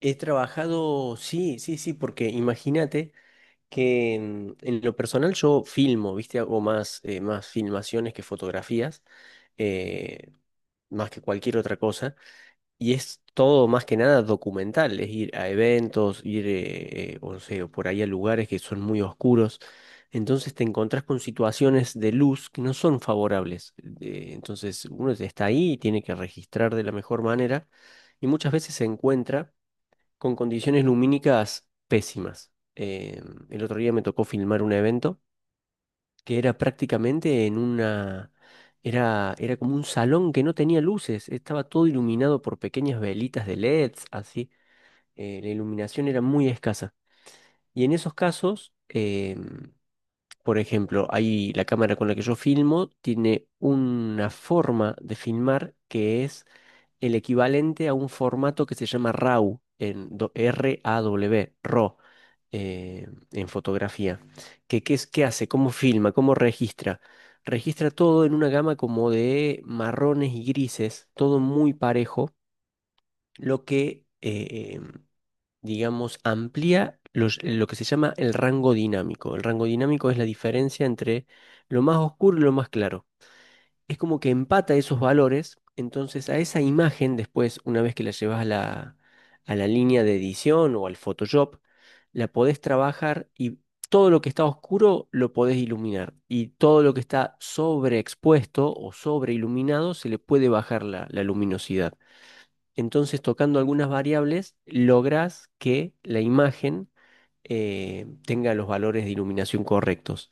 He trabajado, sí, sí, sí, porque imagínate que en lo personal yo filmo, ¿viste? Hago más, más filmaciones que fotografías, eh, más que cualquier otra cosa, y es todo más que nada documental, es ir a eventos, ir, o sea, por ahí a lugares que son muy oscuros, entonces te encontrás con situaciones de luz que no son favorables, entonces uno está ahí y tiene que registrar de la mejor manera, y muchas veces se encuentra con condiciones lumínicas pésimas. El otro día me tocó filmar un evento que era prácticamente en una... Era, como un salón que no tenía luces, estaba todo iluminado por pequeñas velitas de LEDs, así. La iluminación era muy escasa. Y en esos casos, por ejemplo, ahí la cámara con la que yo filmo tiene una forma de filmar que es el equivalente a un formato que se llama RAW, en R-A-W, RAW, eh, en fotografía. ¿Qué, qué hace? ¿Cómo filma? ¿Cómo registra? Registra todo en una gama como de marrones y grises, todo muy parejo, lo que, digamos, amplía lo que se llama el rango dinámico. El rango dinámico es la diferencia entre lo más oscuro y lo más claro, es como que empata esos valores. Entonces a esa imagen después, una vez que la llevas a a la línea de edición o al Photoshop, la podés trabajar, y todo lo que está oscuro lo podés iluminar, y todo lo que está sobreexpuesto o sobreiluminado se le puede bajar la luminosidad. Entonces, tocando algunas variables, lográs que la imagen tenga los valores de iluminación correctos.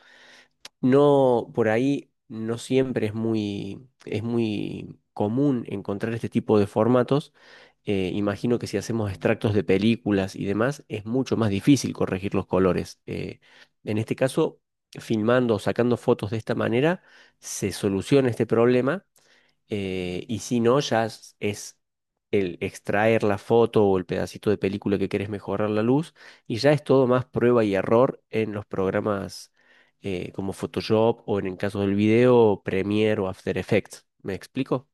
No, por ahí no siempre es muy común encontrar este tipo de formatos. Imagino que si hacemos extractos de películas y demás, es mucho más difícil corregir los colores. En este caso, filmando o sacando fotos de esta manera, se soluciona este problema. Y si no, ya es el extraer la foto o el pedacito de película que querés mejorar la luz. Y ya es todo más prueba y error en los programas, como Photoshop o en el caso del video, Premiere o After Effects. ¿Me explico?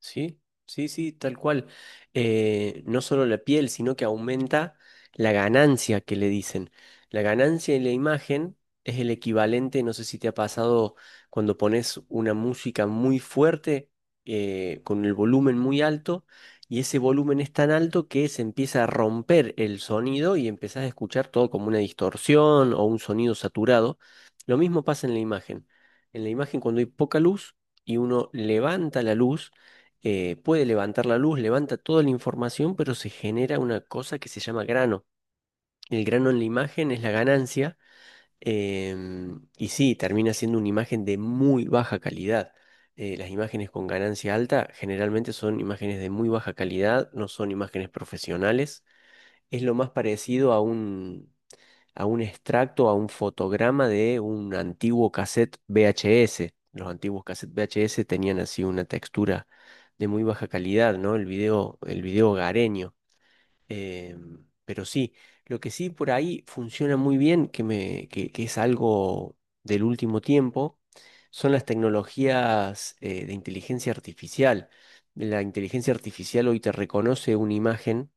Sí, sí, sí, tal cual. No solo la piel, sino que aumenta la ganancia, que le dicen. La ganancia en la imagen es el equivalente. No sé si te ha pasado cuando pones una música muy fuerte, con el volumen muy alto, y ese volumen es tan alto que se empieza a romper el sonido y empezás a escuchar todo como una distorsión o un sonido saturado. Lo mismo pasa en la imagen. En la imagen, cuando hay poca luz y uno levanta la luz, puede levantar la luz, levanta toda la información, pero se genera una cosa que se llama grano. El grano en la imagen es la ganancia, y sí, termina siendo una imagen de muy baja calidad. Las imágenes con ganancia alta generalmente son imágenes de muy baja calidad, no son imágenes profesionales. Es lo más parecido a un extracto, a un fotograma de un antiguo cassette VHS. Los antiguos cassettes VHS tenían así una textura de muy baja calidad, ¿no? El video hogareño. Eh, pero sí, lo que sí por ahí funciona muy bien, que es algo del último tiempo, son las tecnologías de inteligencia artificial. La inteligencia artificial hoy te reconoce una imagen.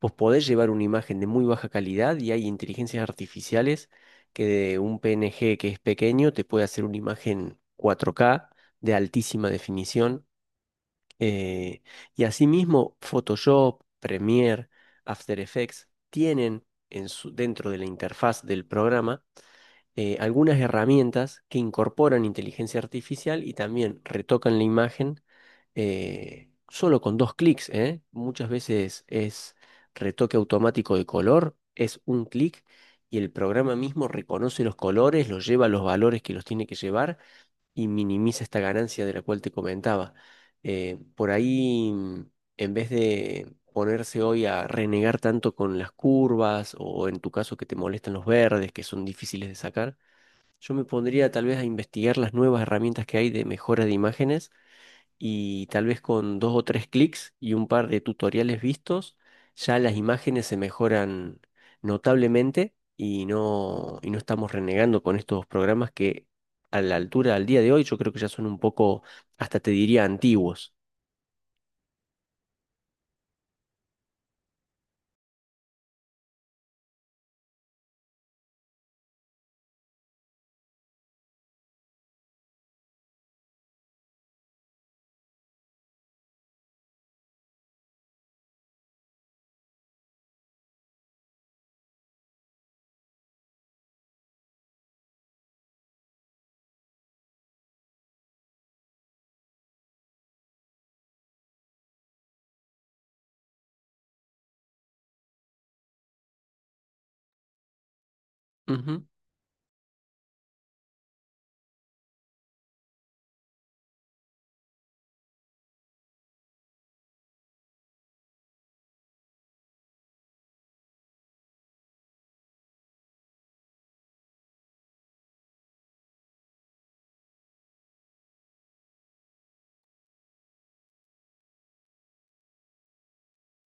Vos podés llevar una imagen de muy baja calidad y hay inteligencias artificiales que, de un PNG que es pequeño, te puede hacer una imagen 4K de altísima definición. eh, y asimismo, Photoshop, Premiere, After Effects tienen en dentro de la interfaz del programa algunas herramientas que incorporan inteligencia artificial y también retocan la imagen solo con dos clics, ¿eh? Muchas veces es retoque automático de color, es un clic, y el programa mismo reconoce los colores, los lleva a los valores que los tiene que llevar y minimiza esta ganancia de la cual te comentaba. Eh, por ahí, mm, en vez de ponerse hoy a renegar tanto con las curvas, o en tu caso que te molestan los verdes, que son difíciles de sacar, yo me pondría tal vez a investigar las nuevas herramientas que hay de mejora de imágenes, y tal vez con dos o tres clics y un par de tutoriales vistos, ya las imágenes se mejoran notablemente, y no estamos renegando con estos programas que a la altura al día de hoy yo creo que ya son un poco, hasta te diría, antiguos. Ujú.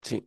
Sí.